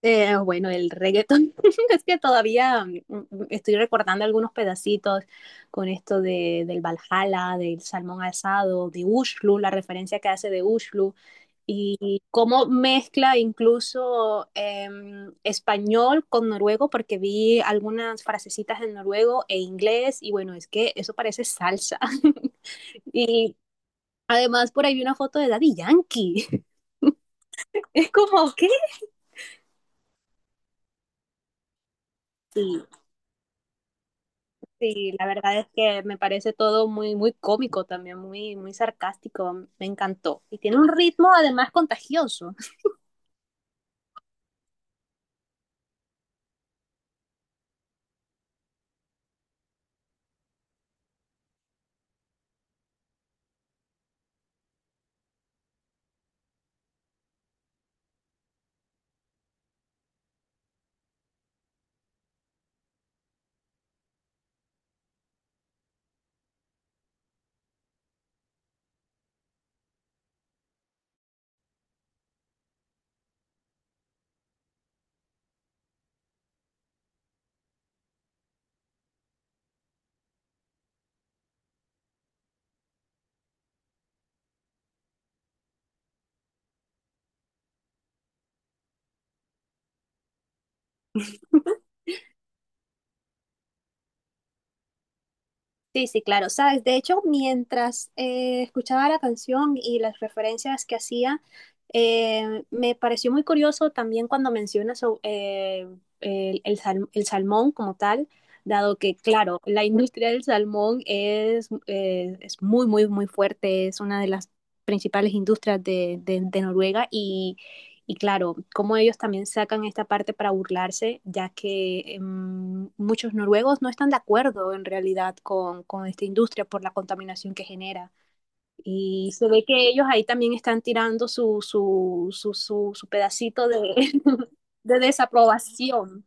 Bueno, el reggaetón, es que todavía estoy recordando algunos pedacitos con esto del Valhalla, del salmón asado, de Ushlu, la referencia que hace de Ushlu, y cómo mezcla incluso español con noruego, porque vi algunas frasecitas en noruego e inglés, y bueno, es que eso parece salsa. Y además por ahí vi una foto de Daddy Yankee. Es como, ¿qué? Sí. Sí, la verdad es que me parece todo muy, muy cómico también, muy, muy sarcástico, me encantó. Y tiene un ritmo además contagioso. Sí, sí, claro, sabes, de hecho, mientras escuchaba la canción y las referencias que hacía, me pareció muy curioso también cuando mencionas el salmón como tal, dado que, claro, la industria del salmón es muy, muy, muy fuerte, es una de las principales industrias de Noruega. Y claro, como ellos también sacan esta parte para burlarse, ya que muchos noruegos no están de acuerdo en realidad con esta industria por la contaminación que genera. Y se ve que ellos ahí también están tirando su pedacito de, de desaprobación.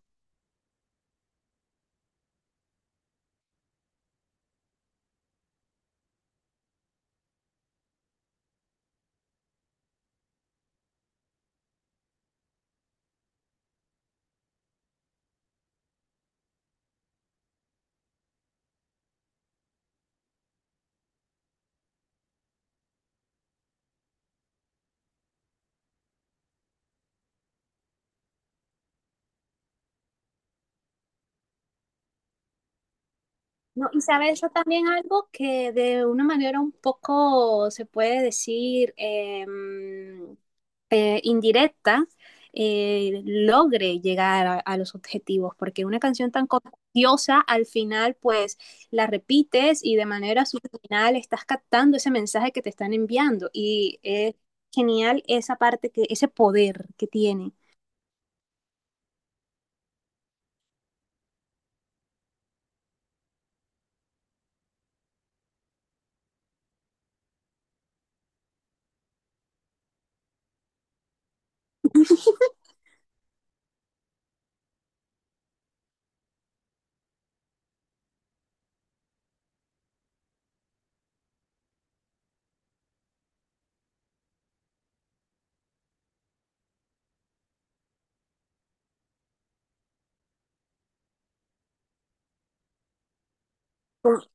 No, y sabes, eso también algo que de una manera un poco se puede decir indirecta, logre llegar a los objetivos, porque una canción tan contagiosa al final pues la repites y de manera subliminal estás captando ese mensaje que te están enviando y es genial esa parte, que ese poder que tiene.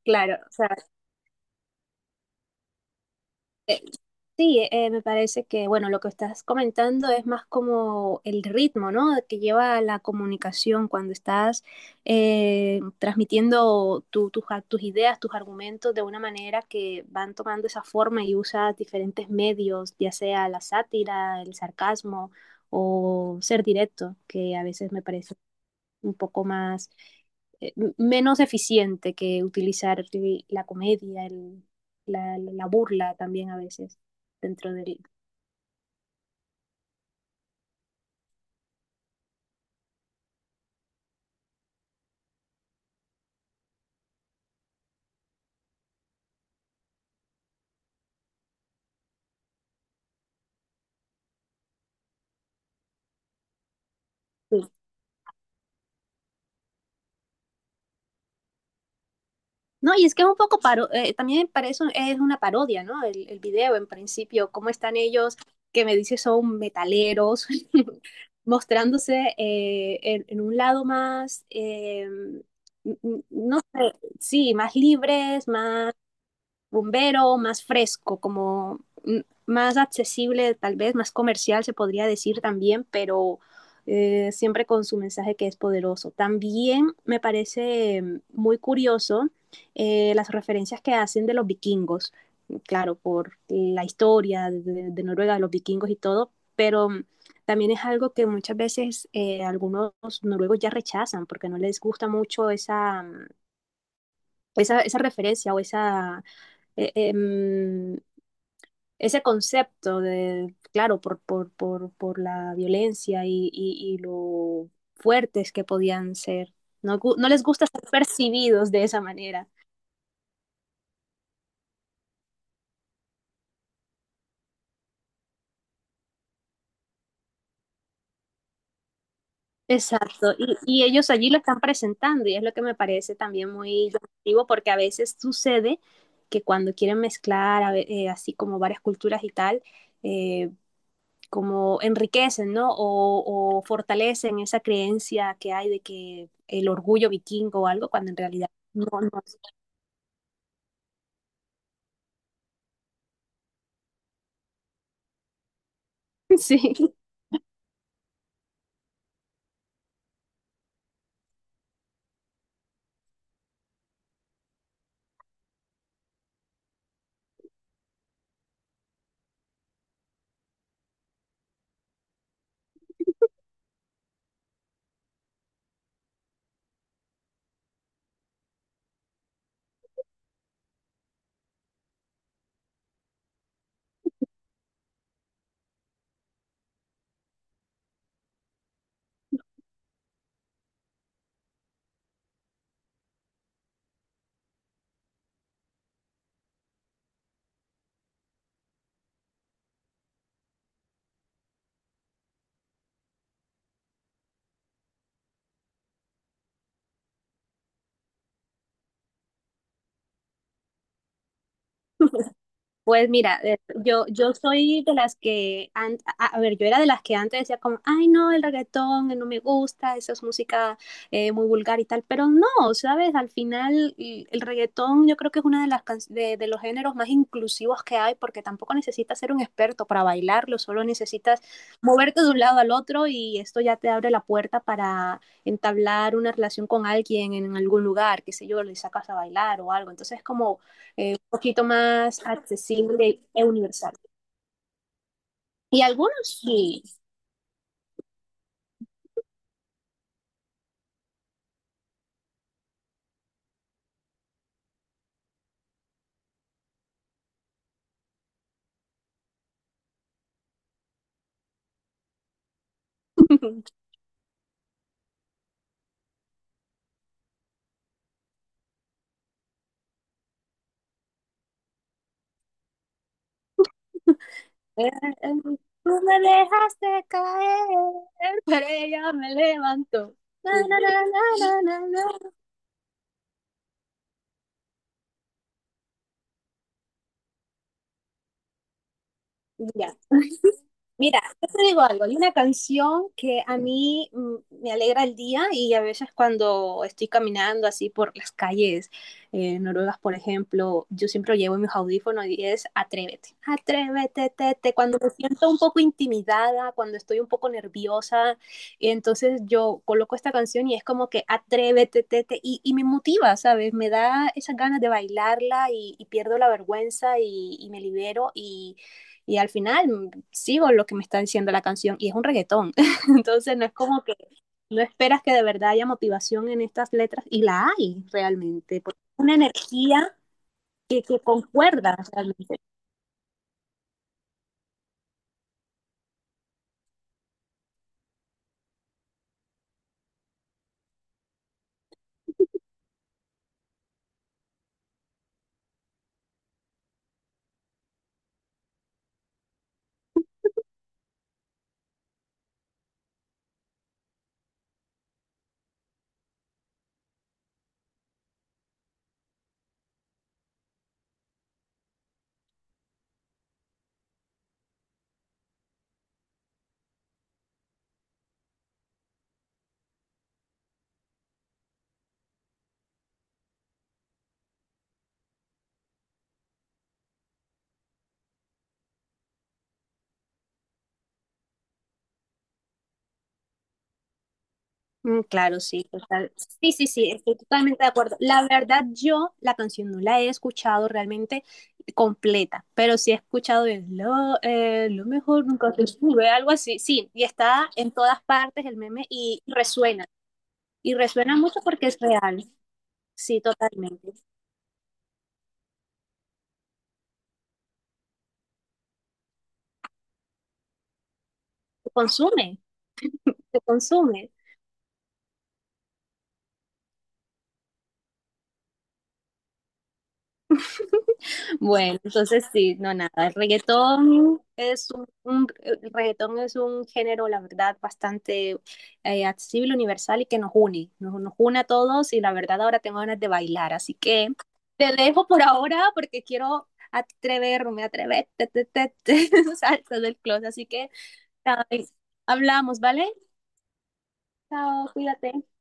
Claro, o sea, sí, me parece que, bueno, lo que estás comentando es más como el ritmo, ¿no? Que lleva la comunicación cuando estás transmitiendo tus ideas, tus argumentos de una manera que van tomando esa forma, y usas diferentes medios, ya sea la sátira, el sarcasmo, o ser directo, que a veces me parece un poco más, menos eficiente que utilizar la comedia, burla también a veces dentro del... Sí. No, y es que es un poco también para eso, es una parodia, ¿no? El video en principio, cómo están ellos, que me dice son metaleros, mostrándose un lado más, no sé, sí, más libres, más rumbero, más fresco, como más accesible, tal vez más comercial se podría decir también, pero siempre con su mensaje, que es poderoso. También me parece muy curioso, las referencias que hacen de los vikingos, claro, por la historia de Noruega, de los vikingos y todo, pero también es algo que muchas veces algunos noruegos ya rechazan porque no les gusta mucho esa, esa referencia, o esa, eh, em, ese concepto de, claro, por la violencia, y lo fuertes que podían ser. No, no les gusta ser percibidos de esa manera. Exacto, y ellos allí lo están presentando, y es lo que me parece también muy llamativo, porque a veces sucede que cuando quieren mezclar así como varias culturas y tal, eh, como enriquecen, ¿no? Fortalecen esa creencia que hay de que el orgullo vikingo o algo, cuando en realidad no, no. Sí. Pues mira, yo soy de las que, a ver, yo era de las que antes decía como, ay no, el reggaetón no me gusta, esa es música muy vulgar y tal, pero no, ¿sabes? Al final, y el reggaetón, yo creo que es uno de, de los géneros más inclusivos que hay, porque tampoco necesitas ser un experto para bailarlo, solo necesitas moverte de un lado al otro, y esto ya te abre la puerta para entablar una relación con alguien en algún lugar, qué sé yo, le sacas a bailar o algo, entonces como un poquito más accesible e universal. Y algunos sí. Eh, eh, tú me dejaste caer, pero ella me levantó. Na, na, na, na, na, na, na. Ya, mira, yo te digo algo, hay una canción que a mí me alegra el día, y a veces cuando estoy caminando así por las calles noruegas, por ejemplo, yo siempre llevo mis audífonos, y es Atrévete, Atrévete, tete, cuando me siento un poco intimidada, cuando estoy un poco nerviosa, y entonces yo coloco esta canción, y es como que Atrévete, tete, y me motiva, ¿sabes? Me da esas ganas de bailarla, y pierdo la vergüenza, y me libero y... Y al final sigo lo que me está diciendo la canción, y es un reggaetón. Entonces, no es como que no esperas que de verdad haya motivación en estas letras, y la hay realmente, porque es una energía que concuerda realmente. Claro, sí, total. Sí, sí, sí, estoy totalmente de acuerdo. La verdad, yo la canción no la he escuchado realmente completa, pero sí he escuchado lo mejor nunca te sube, algo así. Sí, y está en todas partes el meme, y resuena. Y resuena mucho porque es real, sí, totalmente. Se consume, se consume. Bueno, entonces sí, no nada. El reggaetón es un el reggaetón es un género, la verdad, bastante accesible, universal, y que nos une, nos une a todos, y la verdad ahora tengo ganas de bailar, así que te dejo por ahora, porque quiero atreverme, atreverte, te, salsa del closet, así que nada, hablamos, ¿vale? Chao, cuídate.